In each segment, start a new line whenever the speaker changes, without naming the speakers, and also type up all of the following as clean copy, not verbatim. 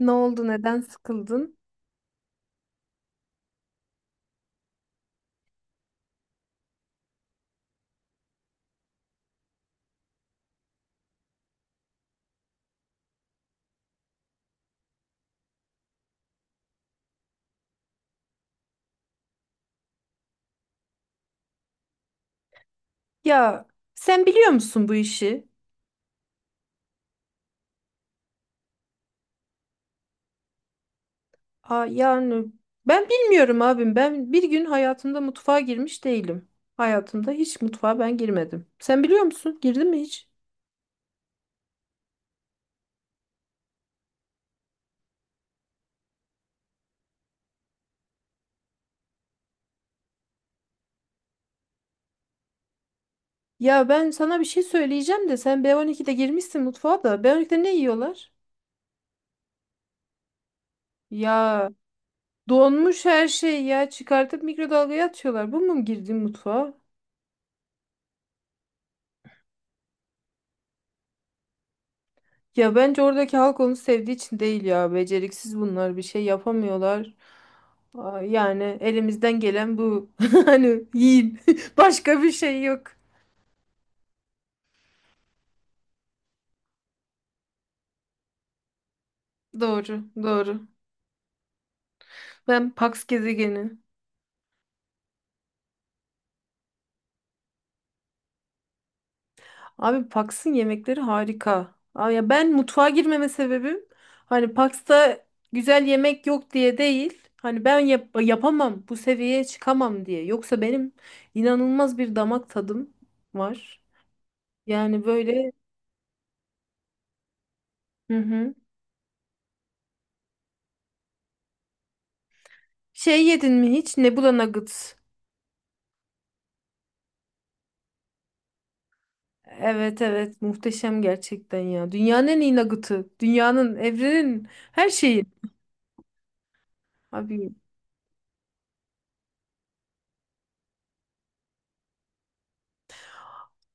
Ne oldu? Neden sıkıldın? Ya sen biliyor musun bu işi? Aa, yani ben bilmiyorum abim. Ben bir gün hayatımda mutfağa girmiş değilim. Hayatımda hiç mutfağa ben girmedim. Sen biliyor musun? Girdin mi hiç? Ya ben sana bir şey söyleyeceğim de sen B12'de girmişsin mutfağa da. B12'de ne yiyorlar? Ya donmuş her şey ya çıkartıp mikrodalgaya atıyorlar. Bu mu girdiğin mutfağa? Ya bence oradaki halk onu sevdiği için değil ya. Beceriksiz bunlar bir şey yapamıyorlar. Aa, yani elimizden gelen bu. Hani yiyin. Başka bir şey yok. Doğru, doğru. Ben Pax gezegeni. Abi Pax'ın yemekleri harika. Aa, ya ben mutfağa girmeme sebebim hani Pax'ta güzel yemek yok diye değil. Hani ben yapamam, bu seviyeye çıkamam diye. Yoksa benim inanılmaz bir damak tadım var. Yani böyle. Hı hı. Şey yedin mi hiç? Nebula Nugget. Evet, evet, muhteşem gerçekten ya. Dünyanın en iyi nugget'ı. Dünyanın, evrenin, her şeyin. Abi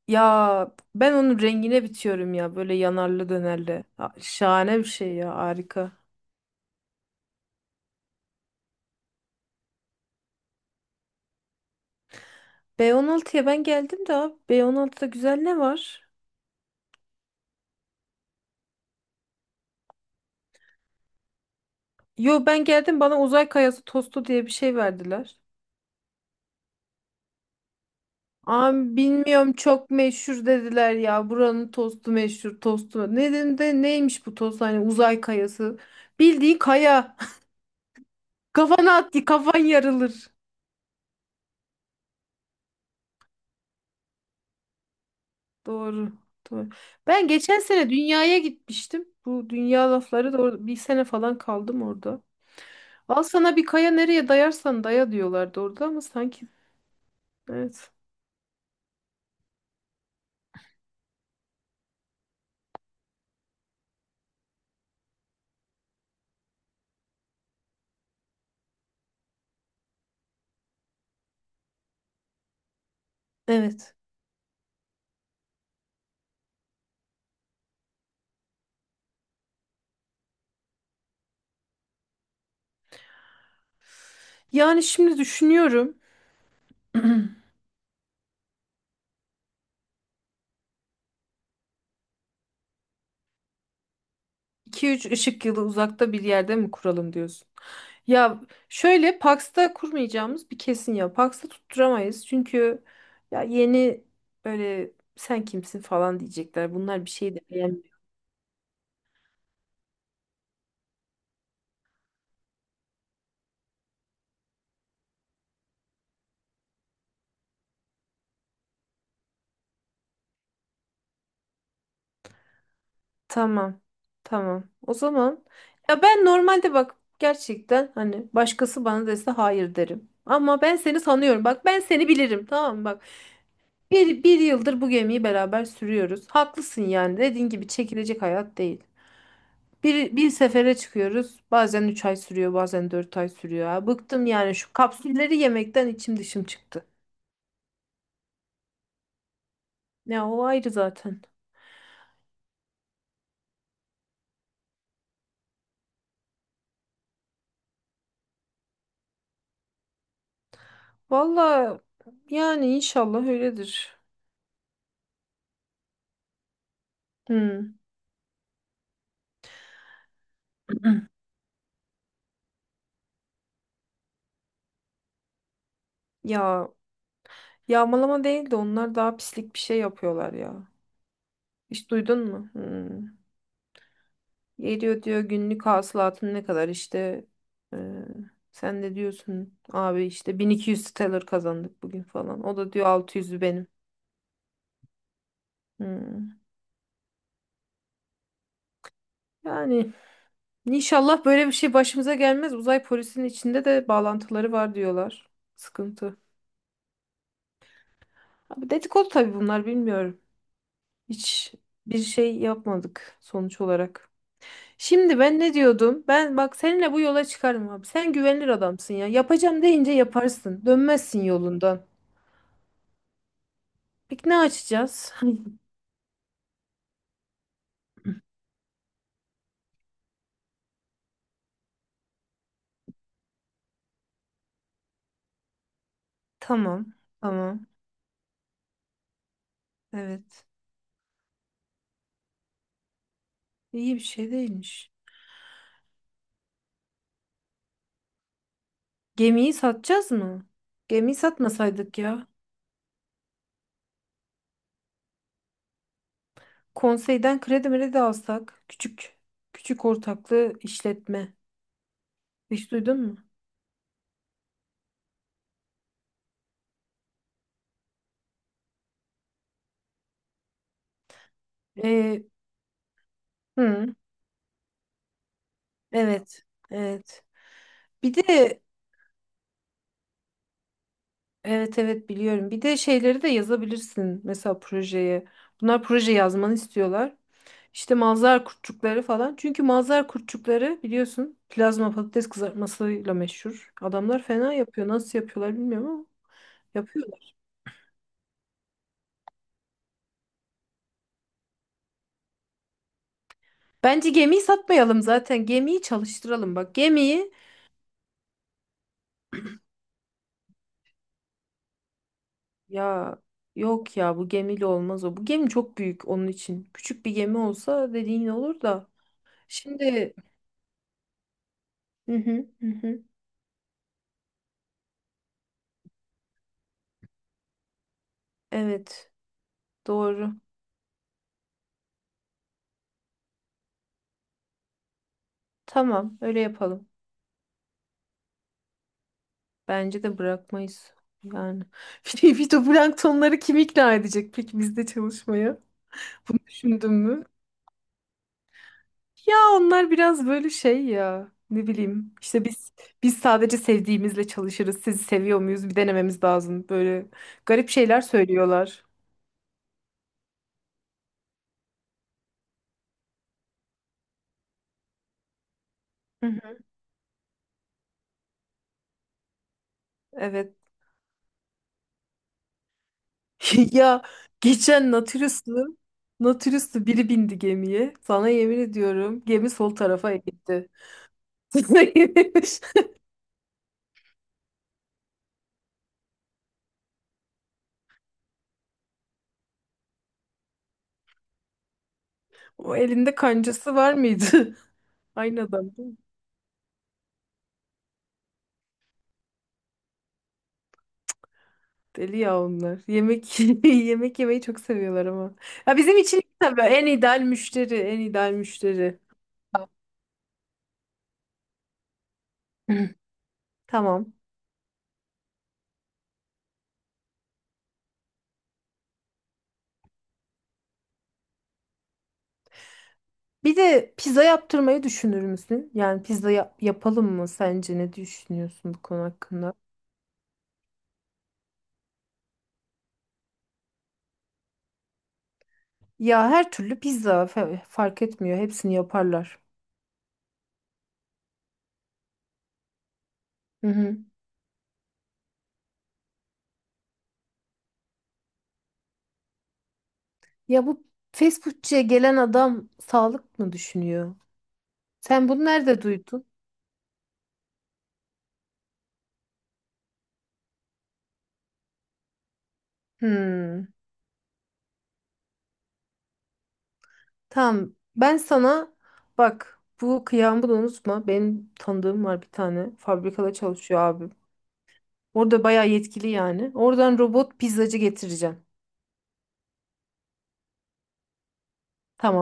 ya ben onun rengine bitiyorum ya böyle yanarlı dönerli. Şahane bir şey ya, harika. B16'ya ben geldim de abi B16'da güzel ne var? Yo, ben geldim, bana uzay kayası tostu diye bir şey verdiler. Abi bilmiyorum, çok meşhur dediler ya, buranın tostu meşhur tostu. Ne dedim de neymiş bu tost, hani uzay kayası. Bildiği kaya. Kafana at, kafan yarılır. Doğru. Doğru. Ben geçen sene dünyaya gitmiştim. Bu dünya lafları da bir sene falan kaldım orada. Al sana bir kaya, nereye dayarsan daya diyorlardı orada ama sanki evet. Evet. Yani şimdi düşünüyorum. iki üç ışık yılı uzakta bir yerde mi kuralım diyorsun? Ya şöyle, Pax'ta kurmayacağımız bir kesin ya. Pax'ta tutturamayız. Çünkü ya yeni böyle sen kimsin falan diyecekler. Bunlar bir şey de. Tamam. Tamam. O zaman ya ben normalde bak, gerçekten, hani başkası bana dese hayır derim. Ama ben seni sanıyorum. Bak, ben seni bilirim. Tamam mı? Bak, bir yıldır bu gemiyi beraber sürüyoruz. Haklısın yani. Dediğin gibi çekilecek hayat değil. Bir sefere çıkıyoruz. Bazen 3 ay sürüyor, bazen 4 ay sürüyor. Ha, bıktım yani, şu kapsülleri yemekten içim dışım çıktı. Ya o ayrı zaten. Valla yani inşallah öyledir. Hmm. Ya, yağmalama değil de onlar daha pislik bir şey yapıyorlar ya. Hiç duydun mu? Hmm. Geliyor diyor günlük hasılatın ne kadar işte, e, sen de diyorsun abi işte 1.200 sterler kazandık bugün falan. O da diyor 600'ü benim. Hmm. Yani inşallah böyle bir şey başımıza gelmez. Uzay polisinin içinde de bağlantıları var diyorlar. Sıkıntı. Abi dedikodu tabii bunlar, bilmiyorum. Hiç bir şey yapmadık sonuç olarak. Şimdi ben ne diyordum? Ben bak, seninle bu yola çıkarım abi. Sen güvenilir adamsın ya. Yapacağım deyince yaparsın. Dönmezsin yolundan. Peki ne açacağız? Tamam. Tamam. Evet. İyi bir şey değilmiş. Gemiyi satacağız mı? Gemiyi satmasaydık ya. Konseyden kredi mredi alsak. Küçük. Küçük ortaklı işletme. Hiç duydun mu? Ee, hı, evet. Evet. Bir de. Evet, evet, biliyorum. Bir de şeyleri de yazabilirsin mesela projeye. Bunlar proje yazmanı istiyorlar. İşte mazhar kurtçukları falan. Çünkü mazhar kurtçukları biliyorsun plazma patates kızartmasıyla meşhur. Adamlar fena yapıyor. Nasıl yapıyorlar bilmiyorum ama yapıyorlar. Bence gemiyi satmayalım zaten. Gemiyi çalıştıralım. Bak gemiyi, ya yok ya, bu gemiyle olmaz o. Bu gemi çok büyük onun için. Küçük bir gemi olsa dediğin olur da. Şimdi. Hı hı hı. Hı. Evet, doğru. Tamam, öyle yapalım. Bence de bırakmayız. Yani bir de fitoplanktonları kim ikna edecek peki bizde çalışmaya? Bunu düşündün mü? Ya onlar biraz böyle şey ya. Ne bileyim. İşte biz sadece sevdiğimizle çalışırız. Sizi seviyor muyuz? Bir denememiz lazım. Böyle garip şeyler söylüyorlar. Hı hı. Evet. Ya geçen Natürüslü biri bindi gemiye. Sana yemin ediyorum gemi sol tarafa gitti. O elinde kancası var mıydı? Aynı adam değil mi? Deli ya onlar. Yemek yemek yemeyi çok seviyorlar ama. Ya bizim için tabii en ideal müşteri, en ideal müşteri. Tamam. Bir de pizza yaptırmayı düşünür müsün? Yani pizza yapalım mı sence? Ne düşünüyorsun bu konu hakkında? Ya her türlü pizza fark etmiyor. Hepsini yaparlar. Hı hı. Ya bu fast foodçuya gelen adam sağlık mı düşünüyor? Sen bunu nerede duydun? Hmm. Tamam. Ben sana, bak bu kıyağımı da unutma. Benim tanıdığım var bir tane. Fabrikada çalışıyor abim. Orada bayağı yetkili yani. Oradan robot pizzacı getireceğim. Tamam.